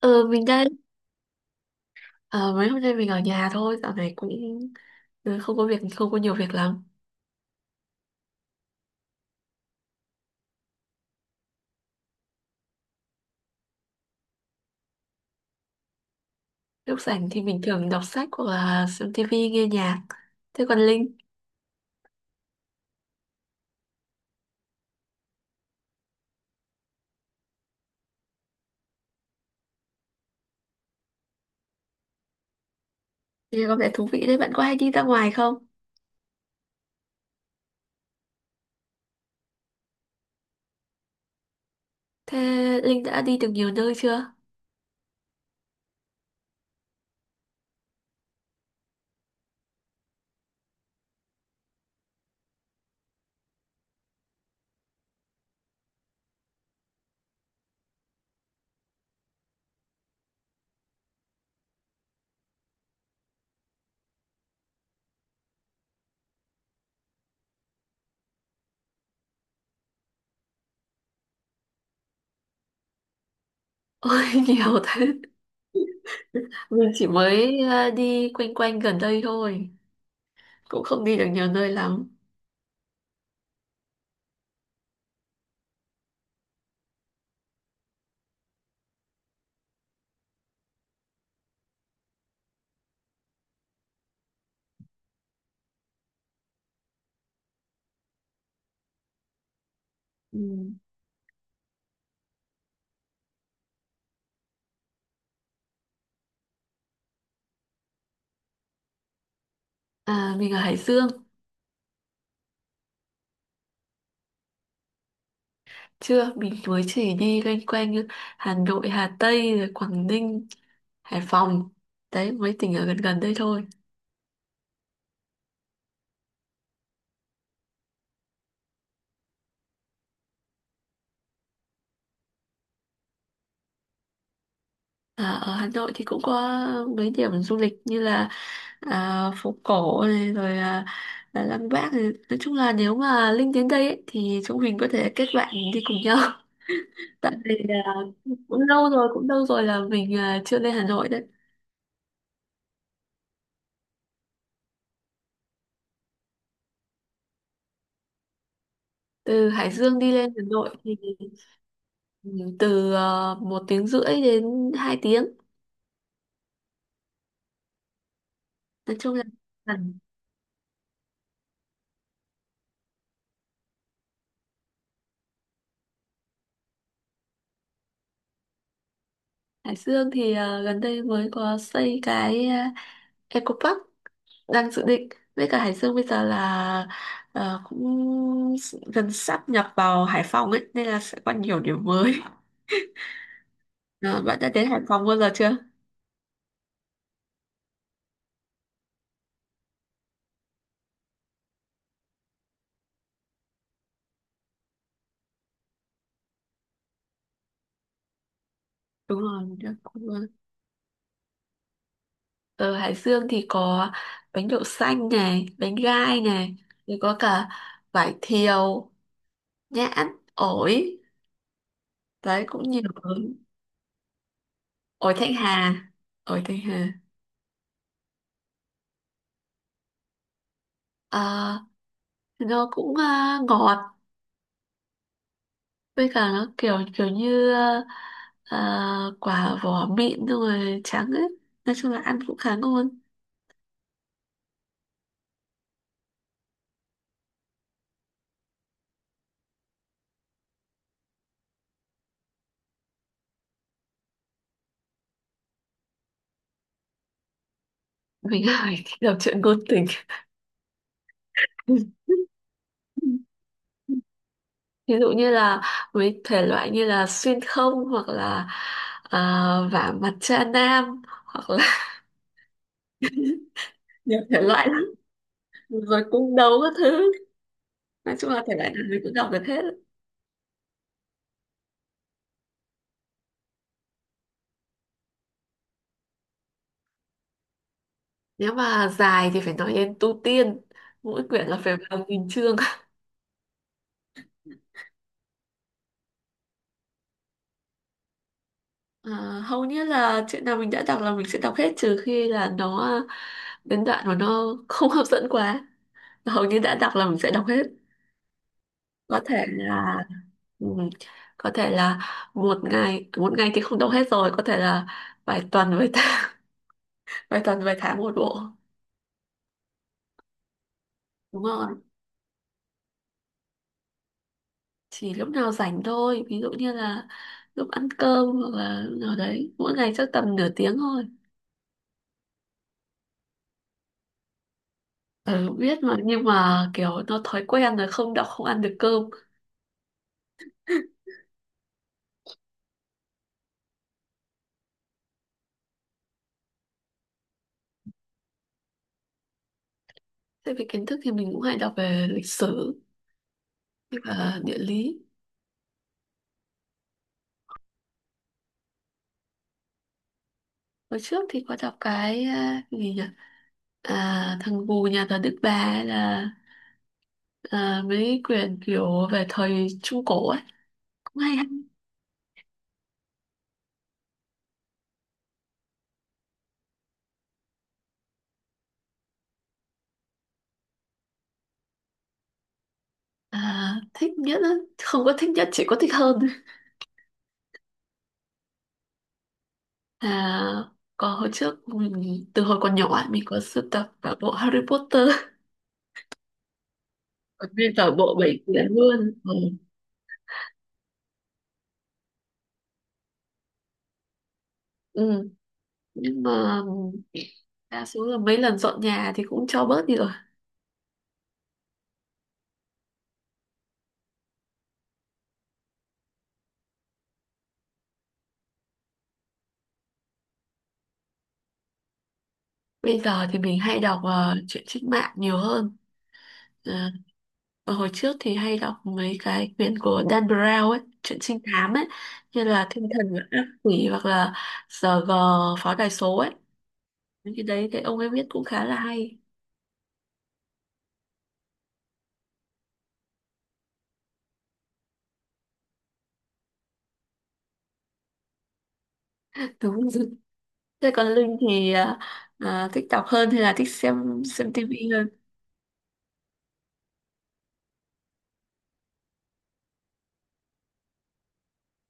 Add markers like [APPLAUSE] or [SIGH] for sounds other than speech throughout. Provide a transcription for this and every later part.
Ờ, mình đang ờ, mấy hôm nay mình ở nhà thôi, dạo này cũng không có việc, không có nhiều việc lắm. Lúc rảnh thì mình thường đọc sách hoặc là xem tivi, nghe nhạc. Thế còn Linh, nghe có vẻ thú vị đấy, bạn có hay đi ra ngoài không? Thế Linh đã đi được nhiều nơi chưa? Ôi [LAUGHS] nhiều thế. Mình chỉ mới đi quanh quanh gần đây thôi, cũng không đi được nhiều nơi lắm. Ừ. À, mình ở Hải Dương. Chưa mình mới chỉ đi loanh quanh như Hà Nội, Hà Tây rồi Quảng Ninh, Hải Phòng, đấy mấy tỉnh ở gần gần đây thôi. À, ở Hà Nội thì cũng có mấy điểm du lịch như là phố cổ này rồi Lăng Bác này. Nói chung là nếu mà Linh đến đây ấy, thì chúng mình có thể kết bạn đi cùng nhau [LAUGHS] tại vì là cũng lâu rồi là mình chưa lên Hà Nội đấy. Từ Hải Dương đi lên Hà Nội thì ừ, từ 1 tiếng rưỡi đến 2 tiếng, nói chung là gần. Hải Dương thì gần đây mới có xây cái Eco Park đang dự định. Với cả Hải Dương bây giờ là cũng gần sắp nhập vào Hải Phòng ấy nên là sẽ có nhiều điểm mới [LAUGHS] Ờ, bạn đã đến Hải Phòng bao giờ chưa? Đúng rồi, mình cũng, ở Hải Dương thì có bánh đậu xanh này, bánh gai này, rồi có cả vải thiều, nhãn, ổi, đấy cũng nhiều thứ. Ổi Thanh Hà ổi Thanh Hà Ờ, nó cũng ngọt, với cả nó kiểu kiểu như quả vỏ mịn xong rồi trắng ấy, nói chung là ăn cũng khá ngon. Mình [LAUGHS] hỏi thích đọc truyện ngôn tình, [LAUGHS] ví dụ như là với thể loại như là xuyên không hoặc là à, vả mặt cha nam hoặc là [LAUGHS] nhiều thể loại lắm, rồi cung đấu các thứ, nói chung là thể loại nào mình cũng đọc được hết. Nếu mà dài thì phải nói đến tu tiên, mỗi quyển là phải vào nghìn chương. À, hầu như là chuyện nào mình đã đọc là mình sẽ đọc hết, trừ khi là nó đến đoạn mà nó không [LAUGHS] hấp dẫn quá. Hầu như đã đọc là mình sẽ đọc hết. Có thể là ừm, có thể là một ngày thì không đọc hết, rồi có thể là vài tuần vài tháng, [LAUGHS] vài tuần vài tháng một bộ. Đúng rồi, chỉ lúc nào rảnh thôi, ví dụ như là lúc ăn cơm hoặc là lúc nào đấy, mỗi ngày chắc tầm nửa tiếng thôi. Ừ, biết mà, nhưng mà kiểu nó thói quen rồi, không đọc không ăn được cơm. Thế về kiến thức thì mình cũng hay đọc về lịch sử với cả địa lý. Hồi trước thì có đọc cái cái gì nhỉ? À, thằng Gù nhà thờ Đức Bà ấy, là à, mấy quyển kiểu về thời Trung Cổ ấy. Cũng hay. À, thích nhất á. Không có thích nhất, chỉ có thích hơn. À, còn hồi trước mình từ hồi còn nhỏ ấy, mình có sưu tập cả bộ Harry Potter. [LAUGHS] Còn nguyên cả bộ 7 quyển luôn. Ừ. Ừ. Nhưng mà đa số là mấy lần dọn nhà thì cũng cho bớt đi rồi. Bây giờ thì mình hay đọc truyện trích mạng nhiều hơn. Ờ, và hồi trước thì hay đọc mấy cái quyển của Dan Brown ấy, truyện trinh thám ấy, như là Thiên thần và ác quỷ hoặc là SG pháo đài số ấy. Những cái đấy cái ông ấy viết cũng khá là hay. Đúng rồi. Thế còn Linh thì thích đọc hơn hay là thích xem tivi hơn?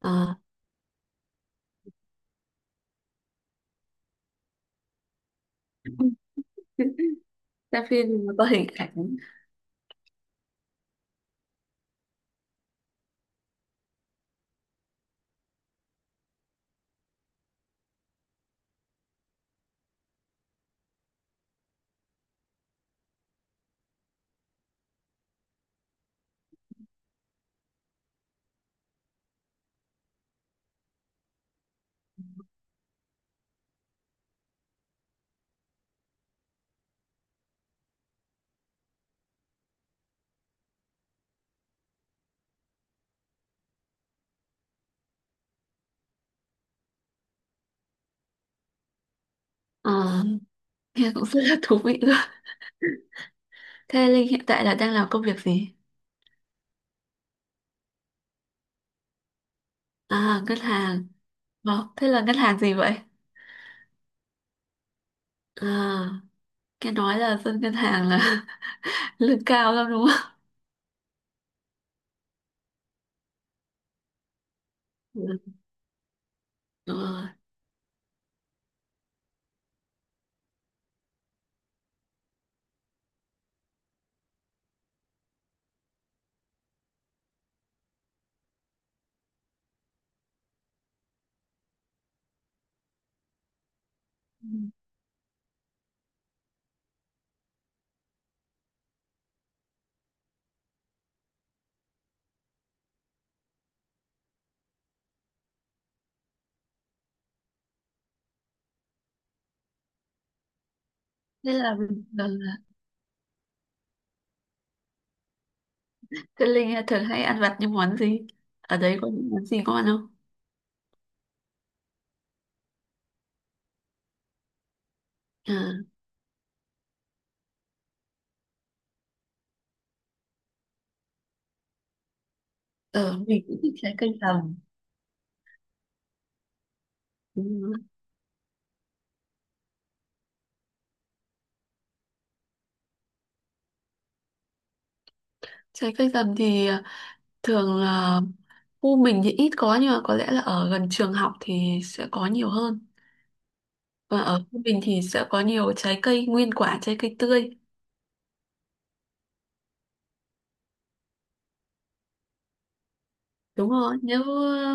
Ờ, [LAUGHS] xem phim mà có hình ảnh. Ờ, nghe cũng rất là thú vị luôn. Thế Linh hiện tại là đang làm công việc gì? À, ngân hàng. Ờ, thế là ngân hàng gì vậy? À, nghe nói là dân ngân hàng là [LAUGHS] lương cao lắm đúng không? Ừ. Đúng rồi. Ừ. Thế là thế Linh thường hay ăn vặt những món gì? Ở đấy có những món gì ngon không? À, ờ, mình cũng thích trái cây tầm. Ừ. Trái cây tầm thì thường là khu mình thì ít có, nhưng mà có lẽ là ở gần trường học thì sẽ có nhiều hơn. Và ở khu mình thì sẽ có nhiều trái cây nguyên quả, trái cây tươi. Đúng rồi, nếu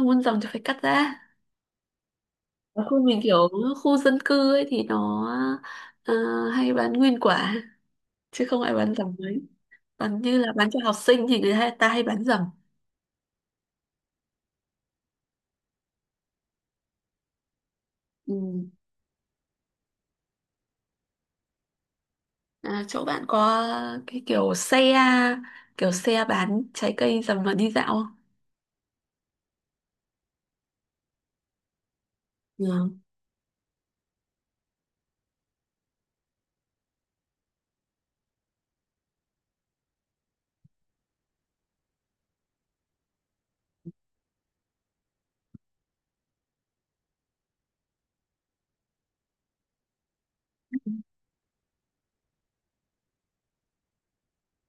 muốn dòng thì phải cắt ra. Ở khu mình kiểu khu dân cư ấy thì nó ờ, hay bán nguyên quả, chứ không ai bán dầm mấy, còn như là bán cho học sinh thì ta hay bán dầm. Ừ. À, chỗ bạn có cái kiểu xe bán trái cây dầm mà đi dạo không? Ừ.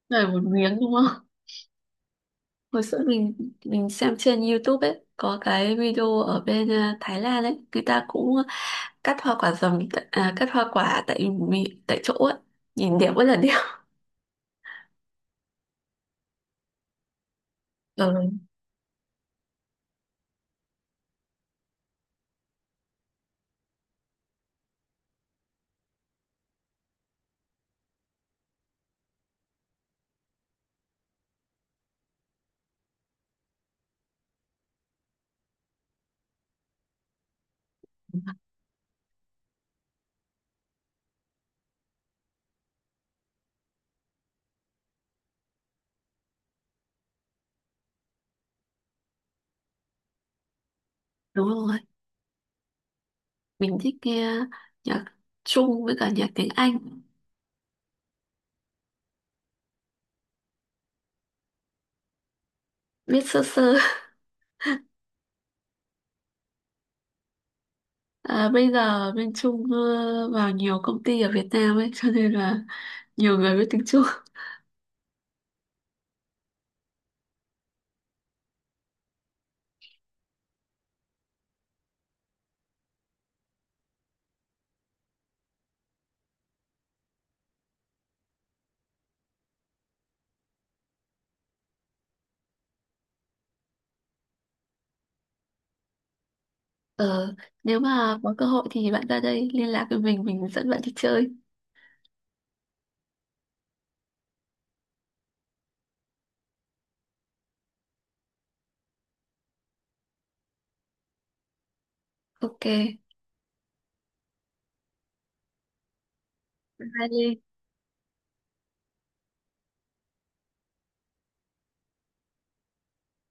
Này một miếng đúng không? Hồi xưa mình xem trên YouTube ấy, có cái video ở bên Thái Lan ấy, người ta cũng cắt hoa quả tại tại chỗ ấy, nhìn đẹp, rất là đẹp. Ừ, đúng rồi. Mình thích nghe nhạc Trung với cả nhạc tiếng Anh. Biết sơ sơ. À, bây giờ bên Trung vào nhiều công ty ở Việt Nam ấy cho nên là nhiều người biết tiếng Trung. ờ, Nếu mà có cơ hội thì bạn ra đây liên lạc với mình dẫn bạn đi chơi. Ok, bye bye Ly.